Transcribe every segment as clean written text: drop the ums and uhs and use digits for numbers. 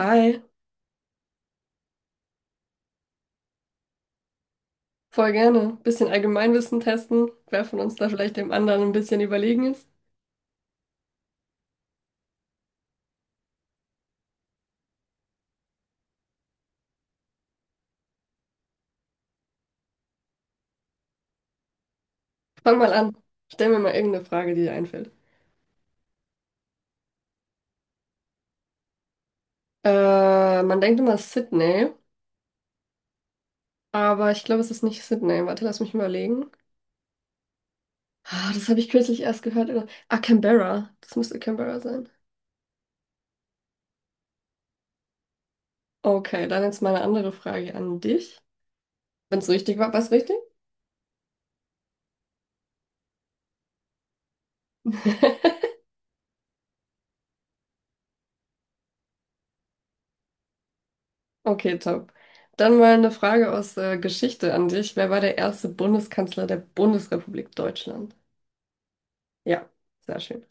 Hi, voll gerne. Bisschen Allgemeinwissen testen, wer von uns da vielleicht dem anderen ein bisschen überlegen ist. Fang mal an. Stell mir mal irgendeine Frage, die dir einfällt. Man denkt immer Sydney, aber ich glaube, es ist nicht Sydney. Warte, lass mich überlegen. Ah, das habe ich kürzlich erst gehört. Ah, Canberra. Das müsste Canberra sein. Okay, dann jetzt mal eine andere Frage an dich. Wenn es richtig war, war es richtig? Okay, top. Dann mal eine Frage aus Geschichte an dich. Wer war der erste Bundeskanzler der Bundesrepublik Deutschland? Ja, sehr schön.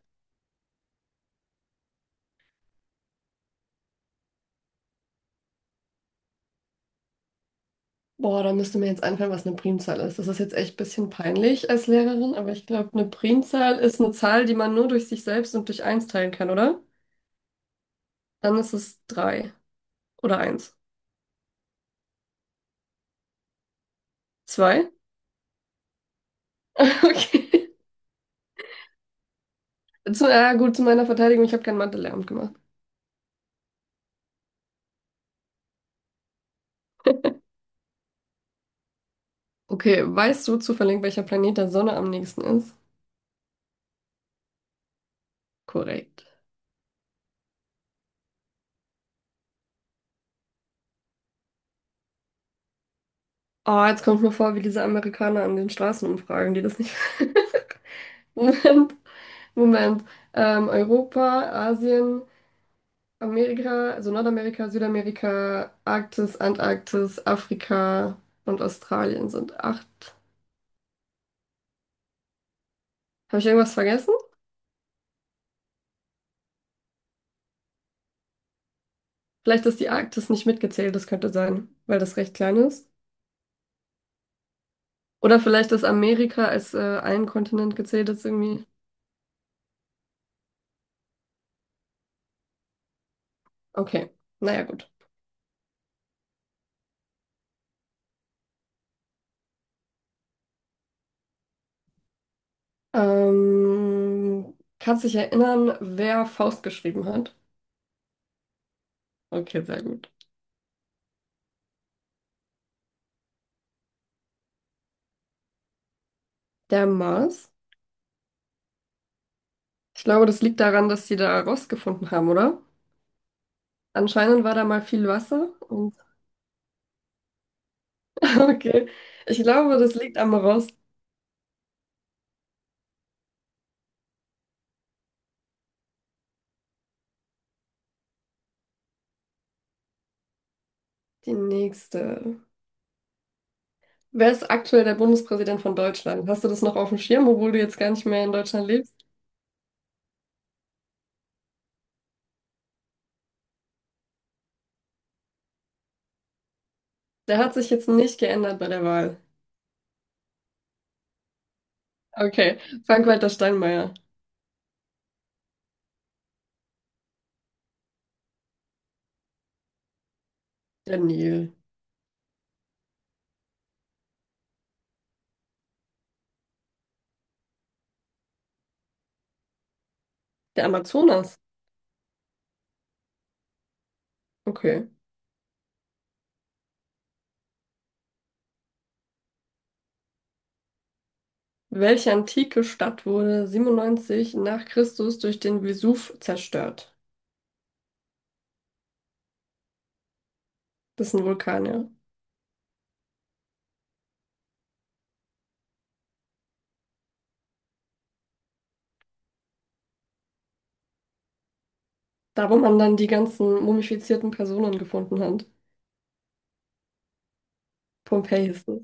Boah, da müsste mir jetzt einfallen, was eine Primzahl ist. Das ist jetzt echt ein bisschen peinlich als Lehrerin, aber ich glaube, eine Primzahl ist eine Zahl, die man nur durch sich selbst und durch eins teilen kann, oder? Dann ist es drei oder eins. Zwei? Okay. Gut, zu meiner Verteidigung, ich habe kein Mathe-Lehramt gemacht. Okay, weißt du zufällig, welcher Planet der Sonne am nächsten ist? Korrekt. Oh, jetzt kommt mir vor, wie diese Amerikaner an den Straßen umfragen, die das nicht. Moment, Moment. Europa, Asien. Amerika, also Nordamerika, Südamerika, Arktis, Antarktis, Afrika und Australien sind acht. Habe ich irgendwas vergessen? Vielleicht ist die Arktis nicht mitgezählt, das könnte sein, weil das recht klein ist. Oder vielleicht ist Amerika als ein Kontinent gezählt, ist irgendwie. Okay, naja, gut. Kannst dich erinnern, wer Faust geschrieben hat? Okay, sehr gut. Der Mars. Ich glaube, das liegt daran, dass sie da Rost gefunden haben, oder? Anscheinend war da mal viel Wasser und okay. Ich glaube, das liegt am Rost. Die nächste. Wer ist aktuell der Bundespräsident von Deutschland? Hast du das noch auf dem Schirm, obwohl du jetzt gar nicht mehr in Deutschland lebst? Der hat sich jetzt nicht geändert bei der Wahl. Okay. Frank-Walter Steinmeier. Der Nil. Der Amazonas. Okay. Welche antike Stadt wurde 97 nach Christus durch den Vesuv zerstört? Das ist ein Vulkan, ja. Da, wo man dann die ganzen mumifizierten Personen gefunden hat. Pompeji ist es.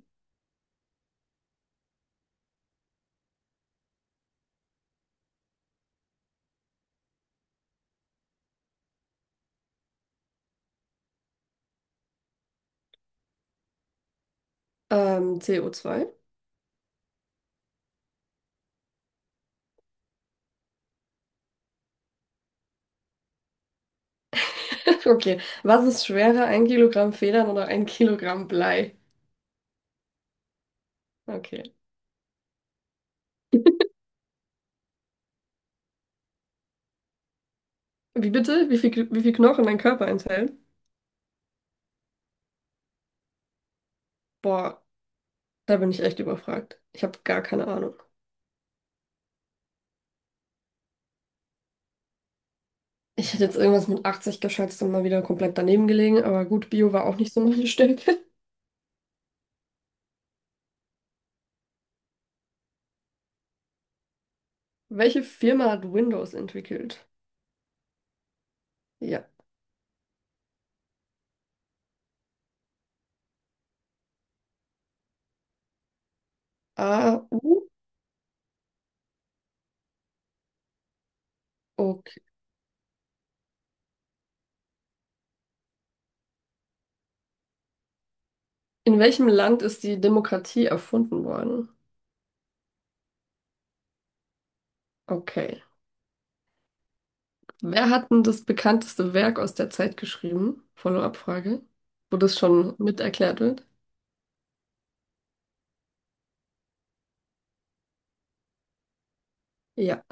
CO2. Okay. Was ist schwerer, ein Kilogramm Federn oder ein Kilogramm Blei? Okay. Wie bitte? Wie viel Knochen mein Körper enthält? Boah, da bin ich echt überfragt. Ich habe gar keine Ahnung. Ich hätte jetzt irgendwas mit 80 geschätzt und mal wieder komplett daneben gelegen, aber gut, Bio war auch nicht so meine Stärke. Welche Firma hat Windows entwickelt? Ja. A AU? Okay. In welchem Land ist die Demokratie erfunden worden? Okay. Wer hat denn das bekannteste Werk aus der Zeit geschrieben? Follow-up-Frage, wo das schon mit erklärt wird. Ja.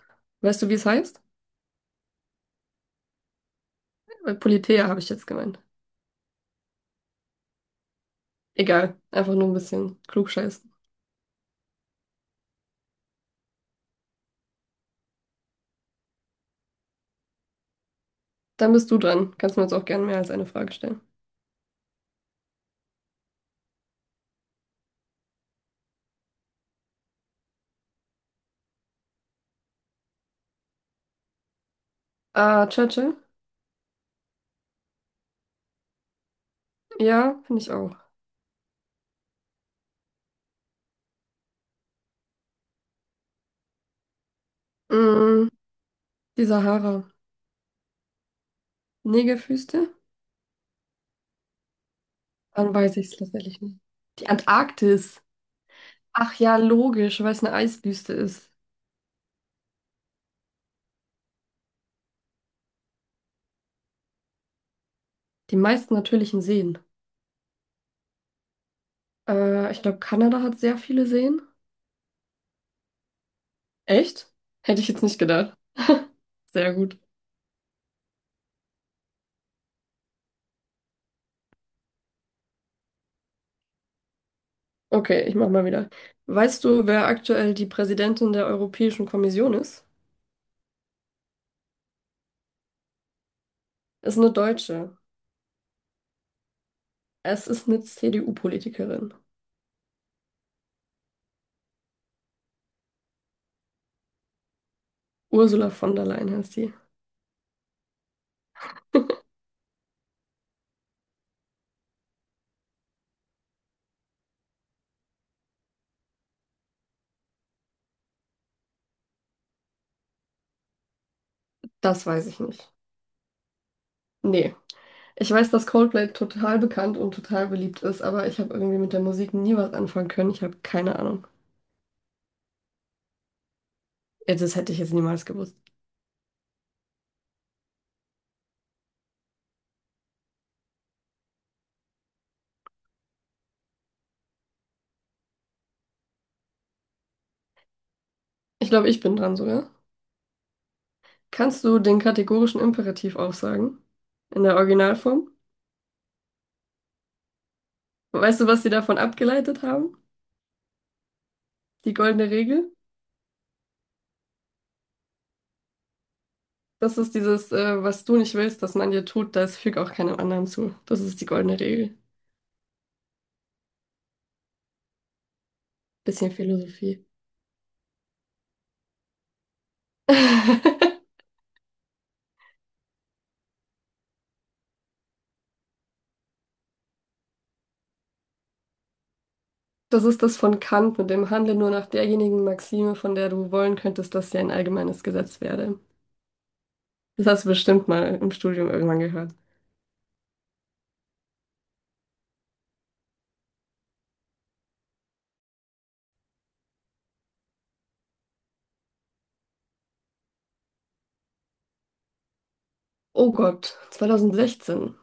Weißt du, wie es heißt? Politeia habe ich jetzt gemeint. Egal, einfach nur ein bisschen klugscheißen. Dann bist du dran. Kannst mir jetzt auch gerne mehr als eine Frage stellen. Ah, Churchill? Ja, finde ich auch. Mm, die Sahara. Negerwüste? Dann weiß ich es tatsächlich nicht. Die Antarktis. Ach ja, logisch, weil es eine Eiswüste ist. Die meisten natürlichen Seen. Ich glaube, Kanada hat sehr viele Seen. Echt? Hätte ich jetzt nicht gedacht. Sehr gut. Okay, ich mach mal wieder. Weißt du, wer aktuell die Präsidentin der Europäischen Kommission ist? Ist eine Deutsche. Es ist eine CDU-Politikerin. Ursula von der Leyen heißt sie. Das weiß ich nicht. Nee. Ich weiß, dass Coldplay total bekannt und total beliebt ist, aber ich habe irgendwie mit der Musik nie was anfangen können. Ich habe keine Ahnung. Ja, das hätte ich jetzt niemals gewusst. Ich glaube, ich bin dran sogar. Kannst du den kategorischen Imperativ aufsagen? In der Originalform? Weißt du, was sie davon abgeleitet haben? Die goldene Regel? Das ist dieses, was du nicht willst, dass man dir tut, das füg auch keinem anderen zu. Das ist die goldene Regel. Bisschen Philosophie. Das ist das von Kant mit dem Handle nur nach derjenigen Maxime, von der du wollen könntest, dass sie ein allgemeines Gesetz werde. Das hast du bestimmt mal im Studium irgendwann gehört. Oh Gott, 2016.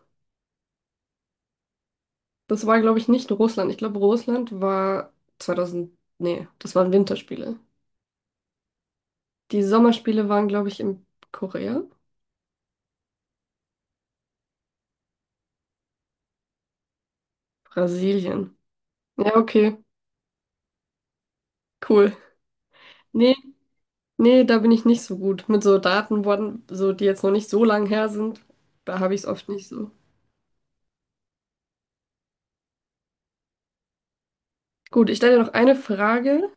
Das war, glaube ich, nicht Russland. Ich glaube, Russland war 2000. Nee, das waren Winterspiele. Die Sommerspiele waren, glaube ich, in Korea. Brasilien. Ja, okay, cool. Nee, nee, da bin ich nicht so gut. Mit so Daten, wurden- so, die jetzt noch nicht so lang her sind, da habe ich es oft nicht so. Gut, ich stelle dir noch eine Frage.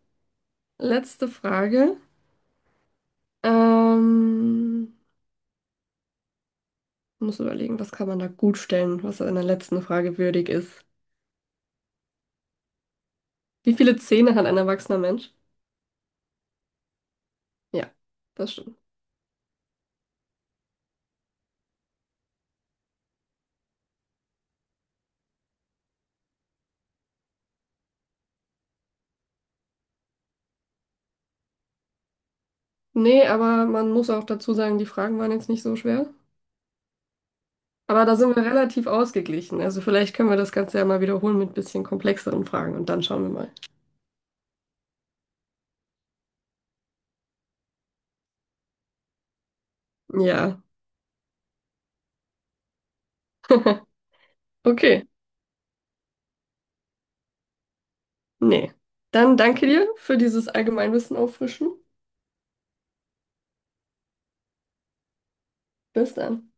Letzte Frage. Ähm, Muss überlegen, was kann man da gut stellen, was in der letzten Frage würdig ist. Wie viele Zähne hat ein erwachsener Mensch? Ja, das stimmt. Nee, aber man muss auch dazu sagen, die Fragen waren jetzt nicht so schwer. Aber da sind wir relativ ausgeglichen. Also vielleicht können wir das Ganze ja mal wiederholen mit ein bisschen komplexeren Fragen und dann schauen wir mal. Ja. Okay. Nee. Dann danke dir für dieses Allgemeinwissen auffrischen. Bis dann.